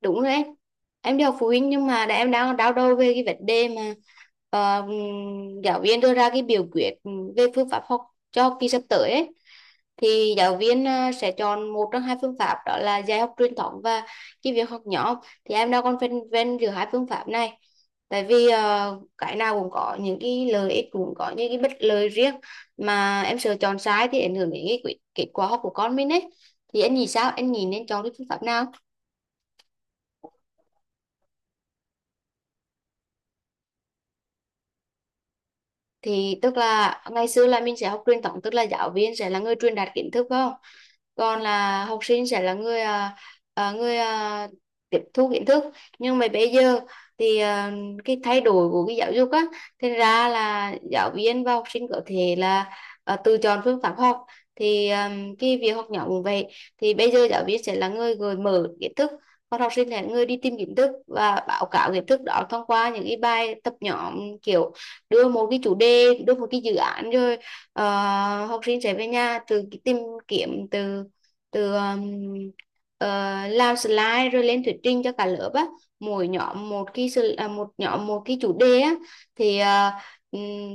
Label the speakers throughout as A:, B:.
A: Đúng rồi Em đi học phụ huynh, nhưng mà em đang đau đầu về cái vấn đề mà ờ, giáo viên đưa ra cái biểu quyết về phương pháp học cho học kỳ sắp tới ấy. Thì giáo viên sẽ chọn một trong hai phương pháp, đó là dạy học truyền thống và cái việc học nhóm. Thì em đang còn phân vân giữa hai phương pháp này, tại vì cái nào cũng có những cái lợi ích, cũng có những cái bất lợi riêng, mà em sợ chọn sai thì ảnh hưởng đến cái kết quả học của con mình ấy. Thì anh nghĩ sao, anh nghĩ nên chọn cái phương pháp nào? Thì tức là ngày xưa là mình sẽ học truyền thống, tức là giáo viên sẽ là người truyền đạt kiến thức phải không, còn là học sinh sẽ là người, à, người à, tiếp thu kiến thức. Nhưng mà bây giờ thì cái thay đổi của cái giáo dục á, thành ra là giáo viên và học sinh có thể là tự chọn phương pháp học. Thì cái việc học nhóm cũng vậy, thì bây giờ giáo viên sẽ là người gợi mở kiến thức, còn học sinh là người đi tìm kiến thức và báo cáo kiến thức đó thông qua những cái bài tập nhóm. Kiểu đưa một cái chủ đề, đưa một cái dự án, rồi học sinh sẽ về nhà từ cái tìm kiếm từ từ ờ, làm slide rồi lên thuyết trình cho cả lớp á. Mỗi nhóm một cái à, một nhóm một cái chủ đề á, thì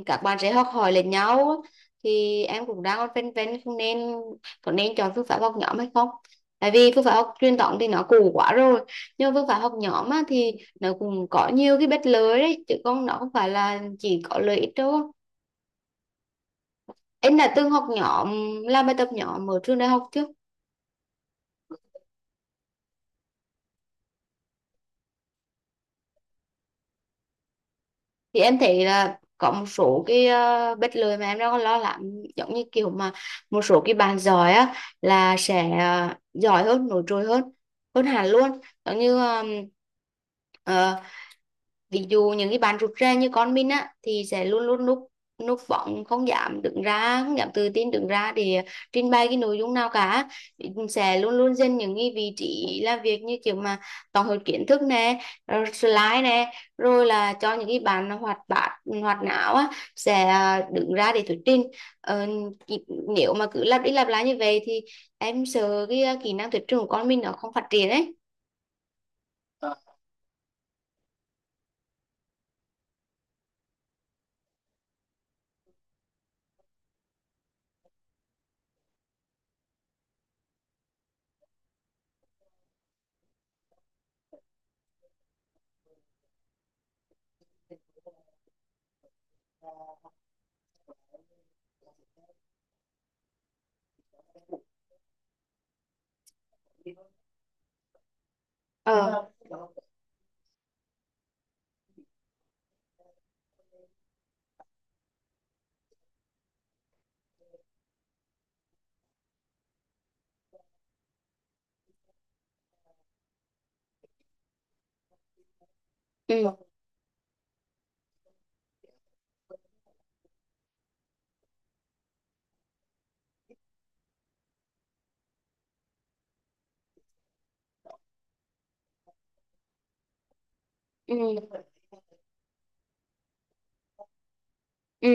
A: các bạn sẽ học hỏi lẫn nhau á. Thì em cũng đang còn phân vân không nên có nên chọn phương pháp học nhóm hay không, tại vì phương pháp học truyền thống thì nó cũ quá rồi, nhưng mà phương pháp học nhóm á, thì nó cũng có nhiều cái bet lưới đấy, chứ không, nó không phải là chỉ có lợi ích đâu. Em đã từng học nhóm, làm bài tập nhóm ở trường đại học chưa? Thì em thấy là có một số cái bet lưới mà em đang lo lắng, giống như kiểu mà một số cái bạn giỏi á là sẽ giỏi hơn, nổi trội hơn hơn hẳn luôn. Giống như um, ví dụ những cái bạn rụt rè như con mình á thì sẽ luôn luôn núp núp bóng, không dám tự tin đứng ra để trình bày cái nội dung nào cả, sẽ luôn luôn dành những cái vị trí làm việc như kiểu mà tổng hợp kiến thức nè, rồi slide nè, rồi là cho những cái bạn hoạt bát, hoạt não á sẽ đứng ra để thuyết trình. ờ, Nếu mà cứ lặp đi lặp lại như vậy thì em sợ cái kỹ năng thuyết trình của con mình nó không phát triển đấy. Ờ. Ừ, ừ, ừ.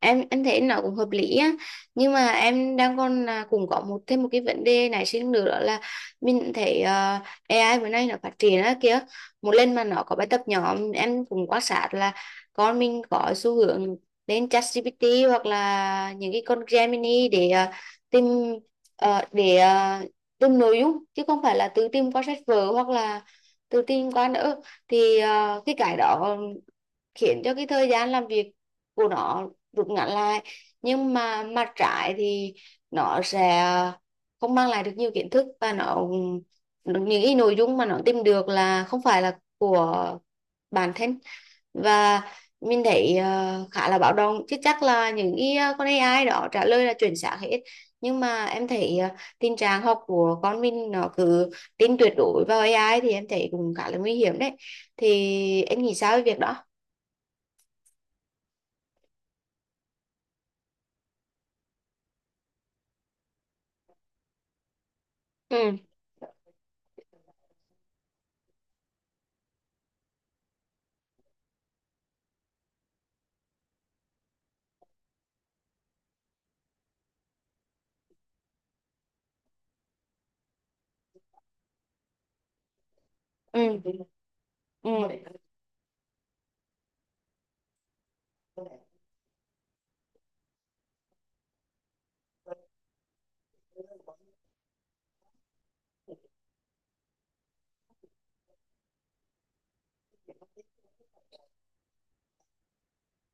A: Em thấy nó cũng hợp lý á, nhưng mà em đang còn là cũng có một cái vấn đề nảy sinh nữa, đó là mình thấy AI bữa nay nó phát triển á kìa. Một lần mà nó có bài tập nhóm, em cũng quan sát là con mình có xu hướng đến ChatGPT hoặc là những cái con Gemini để ờ, tìm ờ, để ờ, tìm nội dung, chứ không phải là tự tìm qua sách vở hoặc là tự tìm qua nữa. Thì cái đó khiến cho cái thời gian làm việc của nó rút ngắn lại, nhưng mà mặt trái thì nó sẽ không mang lại được nhiều kiến thức, và nó, những cái nội dung mà nó tìm được là không phải là của bản thân. Và mình thấy khá là báo động, chứ chắc là những cái con AI đó trả lời là chuẩn xác hết, nhưng mà em thấy tình trạng học của con mình nó cứ tin tuyệt đối vào AI thì em thấy cũng khá là nguy hiểm đấy. Thì em nghĩ sao về việc đó? Ừ, ừ, ừ,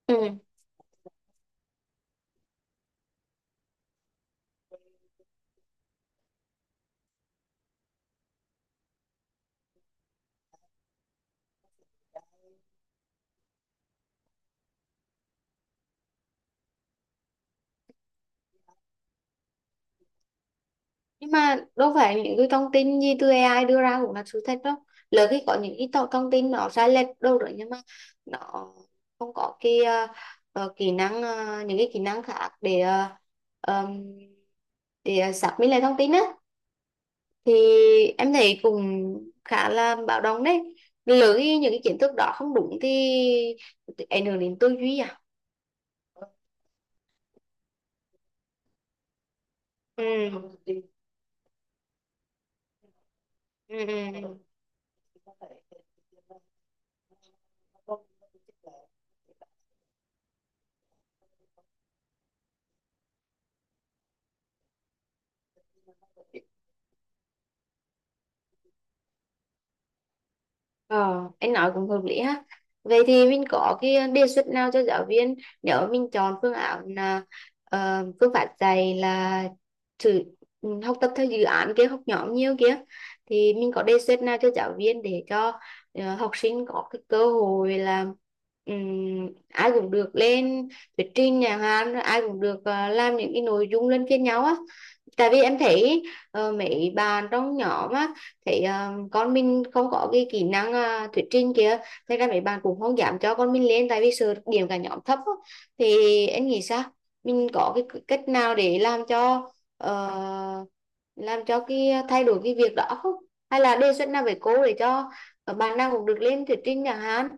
A: ừ. Nhưng mà đâu phải những cái thông tin gì từ AI đưa ra cũng là sự thật đâu, lỡ khi có những cái thông thông tin nó sai lệch đâu rồi, nhưng mà nó không có cái những cái kỹ năng khác để ờm, xác minh lại thông tin á. Thì em thấy cũng khá là báo động đấy, lỡ khi những cái kiến thức đó không đúng thì ảnh hưởng đến tư duy à. Ừ, ừ, ừ. Ờ, anh nói cũng hợp lý ha. Vậy thì mình có cái đề xuất nào cho giáo viên, nếu mà mình chọn phương án là phương pháp dạy là thử, học tập theo dự án kia, học nhóm nhiều kia, thì mình có đề xuất nào cho giáo viên để cho học sinh có cái cơ hội là ai cũng được lên thuyết trình nhà hàng, ai cũng được làm những cái nội dung luân phiên nhau á? Tại vì em thấy mấy bạn trong nhóm á thấy con mình không có cái kỹ năng thuyết trình kia, thế ra mấy bạn cũng không dám cho con mình lên, tại vì sợ điểm cả nhóm thấp á. Thì em nghĩ sao, mình có cái cách nào để ờ, làm cho cái thay đổi cái việc đó không, hay là đề xuất nào với cô để cho bạn nào cũng được lên thuyết trình chẳng hạn?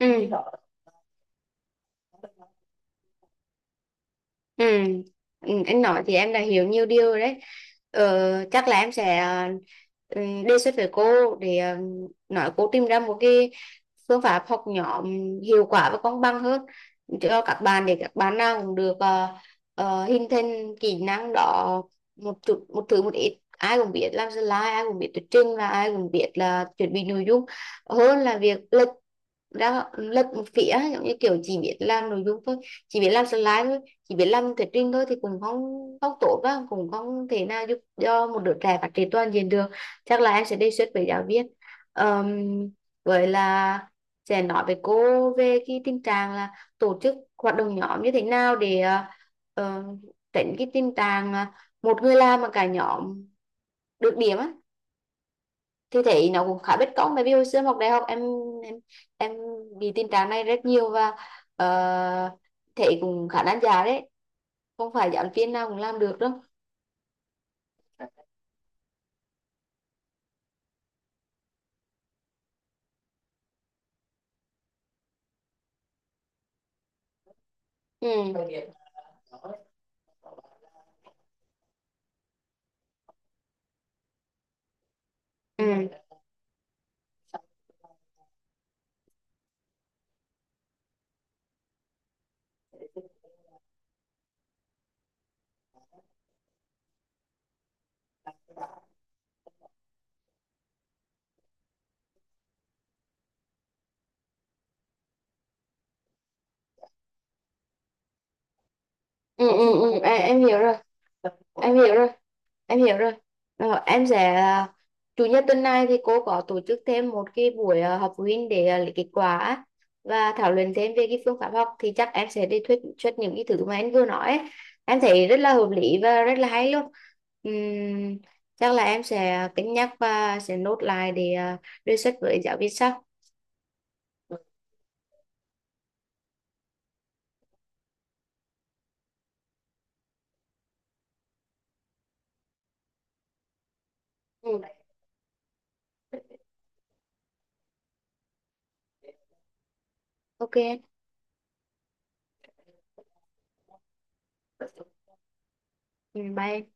A: Ừ. Ừ. Ừ, anh nói thì em đã hiểu nhiều điều rồi đấy. Ờ, chắc là em sẽ ừ, đề xuất với cô để nói cô tìm ra một cái phương pháp học nhóm hiệu quả và công bằng hơn cho các bạn, để các bạn nào cũng được hình thành kỹ năng đó, một chút, một thứ, một ít, ai cũng biết làm slide, ai cũng biết thuyết trình, và ai cũng biết là chuẩn bị nội dung, hơn là việc ra lật một phía, giống như kiểu chỉ biết làm nội dung thôi, chỉ biết làm slide thôi, chỉ biết làm thuyết trình thôi, thì cũng không không tốt đó, cũng không thể nào giúp cho một đứa trẻ phát triển toàn diện được. Chắc là em sẽ đề xuất với giáo viên. Ờm, với là sẽ nói với cô về cái tình trạng là tổ chức hoạt động nhóm như thế nào để ờ, tránh cái tình trạng một người làm mà cả nhóm được điểm á, thì thấy nó cũng khá bất công, bởi vì hồi xưa em học đại học em em bị tình trạng này rất nhiều và uh, thấy cũng khá nan giải đấy, không phải giảng viên nào cũng làm được đâu. Ừ. Ừ, ừ, ừ, ừ, ừ. Em hiểu rồi, em hiểu rồi, em hiểu rồi. Ờ, em sẽ, chủ nhật tuần này thì cô có tổ chức thêm một cái buổi họp phụ huynh để lấy kết quả á, và thảo luận thêm về cái phương pháp học, thì chắc em sẽ đi thuyết xuất những cái thứ mà em vừa nói ấy. Em thấy rất là hợp lý và rất là hay luôn. Ừm, Chắc là em sẽ cân nhắc và sẽ nốt lại để đề xuất với giáo viên sau. Ừ, ok. Ừ, bye em.